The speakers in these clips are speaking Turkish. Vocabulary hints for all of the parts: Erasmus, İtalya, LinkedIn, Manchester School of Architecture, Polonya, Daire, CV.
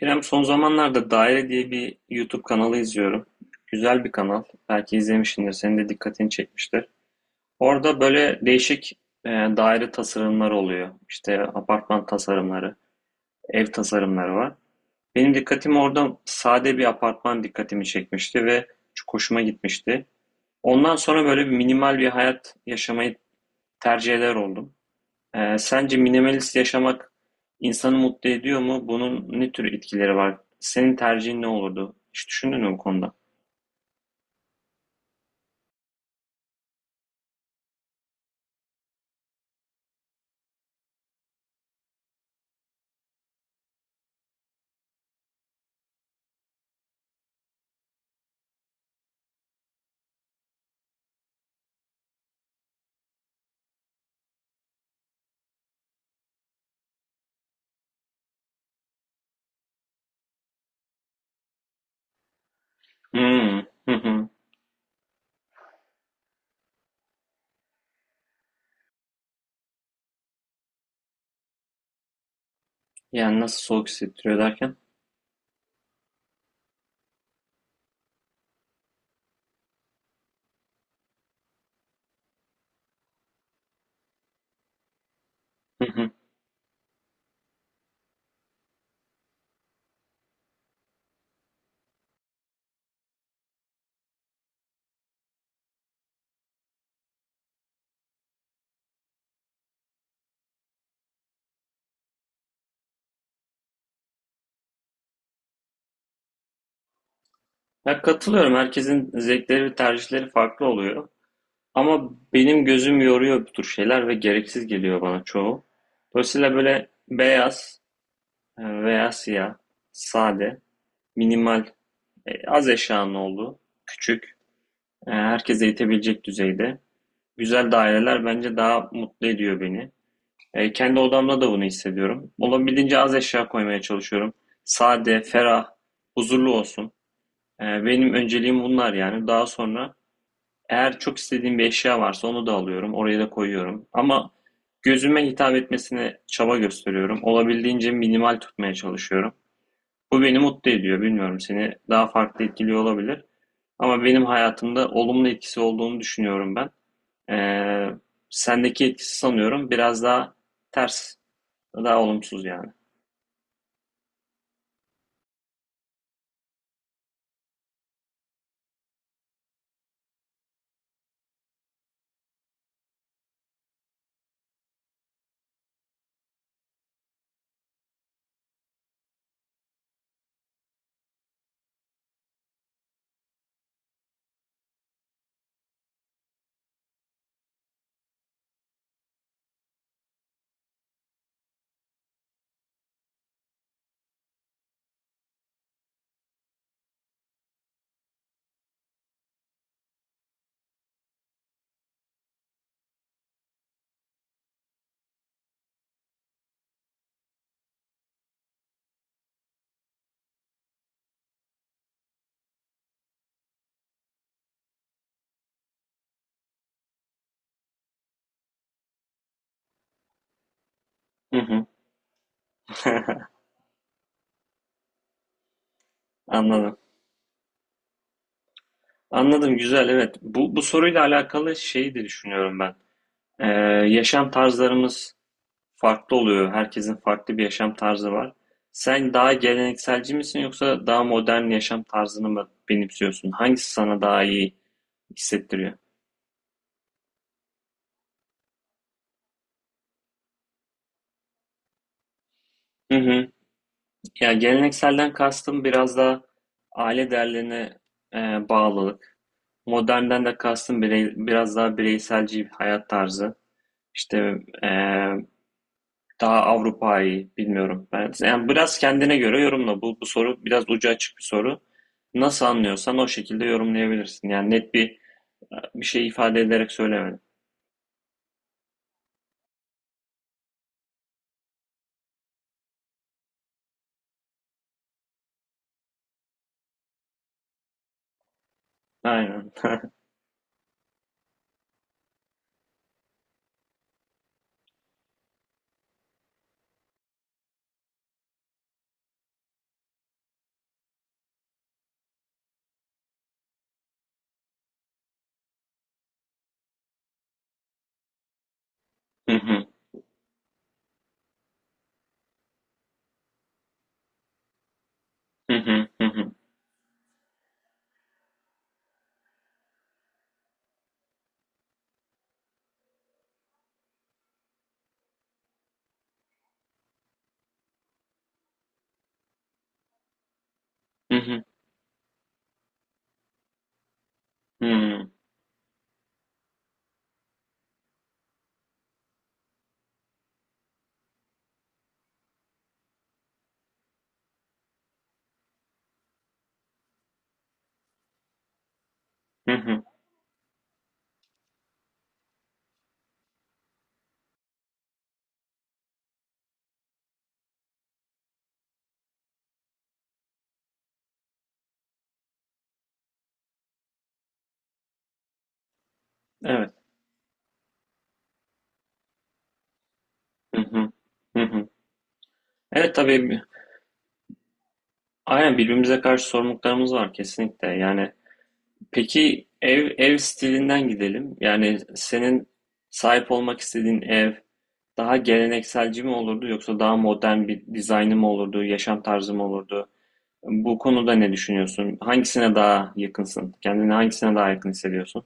İrem son zamanlarda Daire diye bir YouTube kanalı izliyorum. Güzel bir kanal. Belki izlemişsindir. Senin de dikkatini çekmiştir. Orada böyle değişik daire tasarımları oluyor. İşte apartman tasarımları, ev tasarımları var. Benim dikkatimi orada sade bir apartman dikkatimi çekmişti ve çok hoşuma gitmişti. Ondan sonra böyle bir minimal bir hayat yaşamayı tercih eder oldum. Sence minimalist yaşamak insanı mutlu ediyor mu? Bunun ne tür etkileri var? Senin tercihin ne olurdu? Hiç düşündün mü bu konuda? Hmm, hı hı. Yani nasıl soğuk hissettiriyor derken? Hı hı. Ya katılıyorum. Herkesin zevkleri ve tercihleri farklı oluyor. Ama benim gözüm yoruyor bu tür şeyler ve gereksiz geliyor bana çoğu. Dolayısıyla böyle beyaz veya siyah, sade, minimal, az eşyanın olduğu, küçük, herkese yetebilecek düzeyde güzel daireler bence daha mutlu ediyor beni. Kendi odamda da bunu hissediyorum. Olabildiğince az eşya koymaya çalışıyorum. Sade, ferah, huzurlu olsun. Benim önceliğim bunlar yani. Daha sonra eğer çok istediğim bir eşya varsa onu da alıyorum. Oraya da koyuyorum. Ama gözüme hitap etmesine çaba gösteriyorum. Olabildiğince minimal tutmaya çalışıyorum. Bu beni mutlu ediyor. Bilmiyorum, seni daha farklı etkiliyor olabilir. Ama benim hayatımda olumlu etkisi olduğunu düşünüyorum ben. Ee, Sendeki etkisi sanıyorum biraz daha ters, daha olumsuz yani. Hı hı. Anladım. Anladım, güzel, evet. Bu soruyla alakalı şeyi de düşünüyorum ben. Ee, Yaşam tarzlarımız farklı oluyor. Herkesin farklı bir yaşam tarzı var. Sen daha gelenekselci misin yoksa daha modern yaşam tarzını mı benimsiyorsun? Hangisi sana daha iyi hissettiriyor? Hı hı. Ya gelenekselden kastım biraz daha aile değerlerine e, bağlılık. Modernden de kastım biraz daha bireyselci bir hayat tarzı. İşte e, daha Avrupa'yı bilmiyorum. Ben, yani biraz kendine göre yorumla. Bu soru biraz ucu açık bir soru. Nasıl anlıyorsan o şekilde yorumlayabilirsin. Yani net bir şey ifade ederek söylemedim. Aynen. Hı hı, hı hı, hı hı, hı hı, hı hı, hı hı. Evet. Hı hı, hı hı. Evet, tabii. Aynen, birbirimize karşı sorumluluklarımız var kesinlikle. Yani peki, ev stilinden gidelim. Yani senin sahip olmak istediğin ev daha gelenekselci mi olurdu yoksa daha modern bir dizaynı mı olurdu, yaşam tarzı mı olurdu? Bu konuda ne düşünüyorsun? Hangisine daha yakınsın? Kendini hangisine daha yakın hissediyorsun?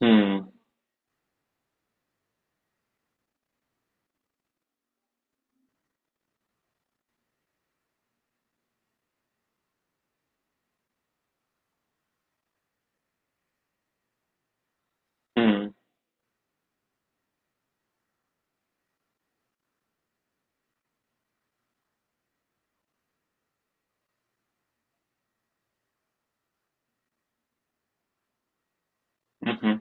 Hmm, hmm, hı hı.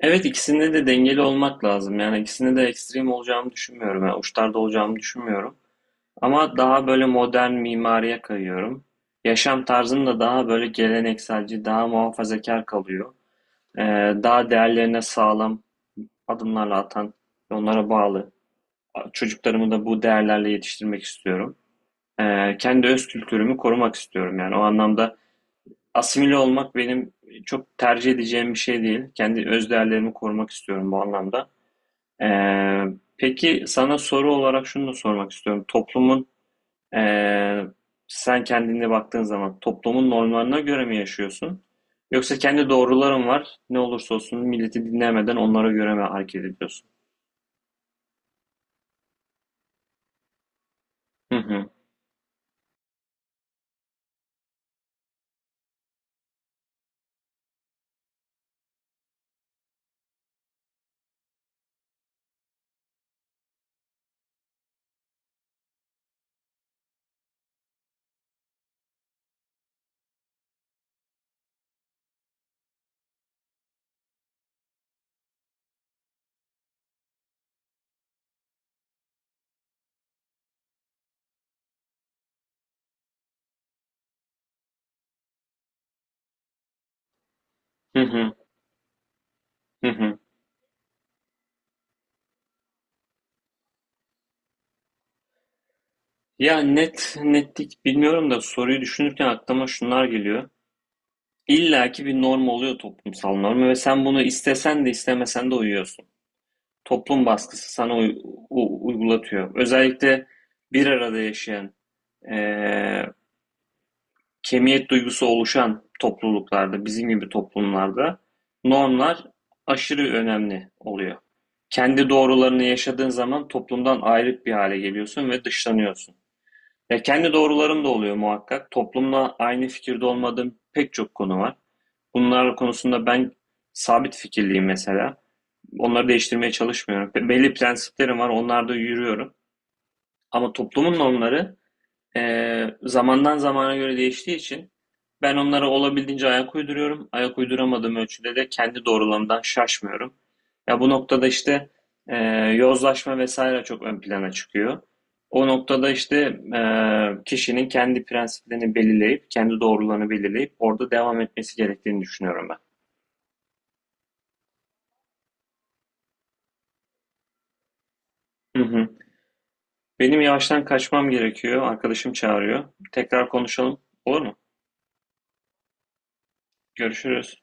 Evet, ikisinde de dengeli olmak lazım. Yani ikisinde de ekstrem olacağımı düşünmüyorum. Yani uçlarda olacağımı düşünmüyorum. Ama daha böyle modern mimariye kayıyorum. Yaşam tarzım da daha böyle gelenekselci, daha muhafazakar kalıyor. Ee, Daha değerlerine sağlam adımlarla atan, onlara bağlı. Çocuklarımı da bu değerlerle yetiştirmek istiyorum. Kendi öz kültürümü korumak istiyorum. Yani o anlamda asimile olmak benim çok tercih edeceğim bir şey değil. Kendi öz değerlerimi korumak istiyorum bu anlamda. Ee, peki, sana soru olarak şunu da sormak istiyorum. Toplumun Ee, Sen kendine baktığın zaman toplumun normlarına göre mi yaşıyorsun? Yoksa kendi doğruların var, ne olursa olsun milleti dinlemeden onlara göre mi hareket ediyorsun? Hı hı. Hı hı. Hı hı. Ya net, netlik bilmiyorum da soruyu düşünürken aklıma şunlar geliyor. İlla ki bir norm oluyor, toplumsal norm, ve sen bunu istesen de istemesen de uyuyorsun. Toplum baskısı sana uygulatıyor. Özellikle bir arada yaşayan, eee, kemiyet duygusu oluşan topluluklarda, bizim gibi toplumlarda normlar aşırı önemli oluyor. Kendi doğrularını yaşadığın zaman toplumdan ayrık bir hale geliyorsun ve dışlanıyorsun. Ya kendi doğrularım da oluyor muhakkak. Toplumla aynı fikirde olmadığım pek çok konu var. Bunlar konusunda ben sabit fikirliyim mesela. Onları değiştirmeye çalışmıyorum. Belli prensiplerim var, onlarda yürüyorum. Ama toplumun normları zamandan zamana göre değiştiği için ben onlara olabildiğince ayak uyduruyorum. Ayak uyduramadığım ölçüde de kendi doğrulamdan şaşmıyorum. Ya bu noktada işte e, yozlaşma vesaire çok ön plana çıkıyor. O noktada işte e, kişinin kendi prensiplerini belirleyip, kendi doğrularını belirleyip orada devam etmesi gerektiğini düşünüyorum ben. Hı hı. Benim yavaştan kaçmam gerekiyor. Arkadaşım çağırıyor. Tekrar konuşalım. Olur mu? Görüşürüz.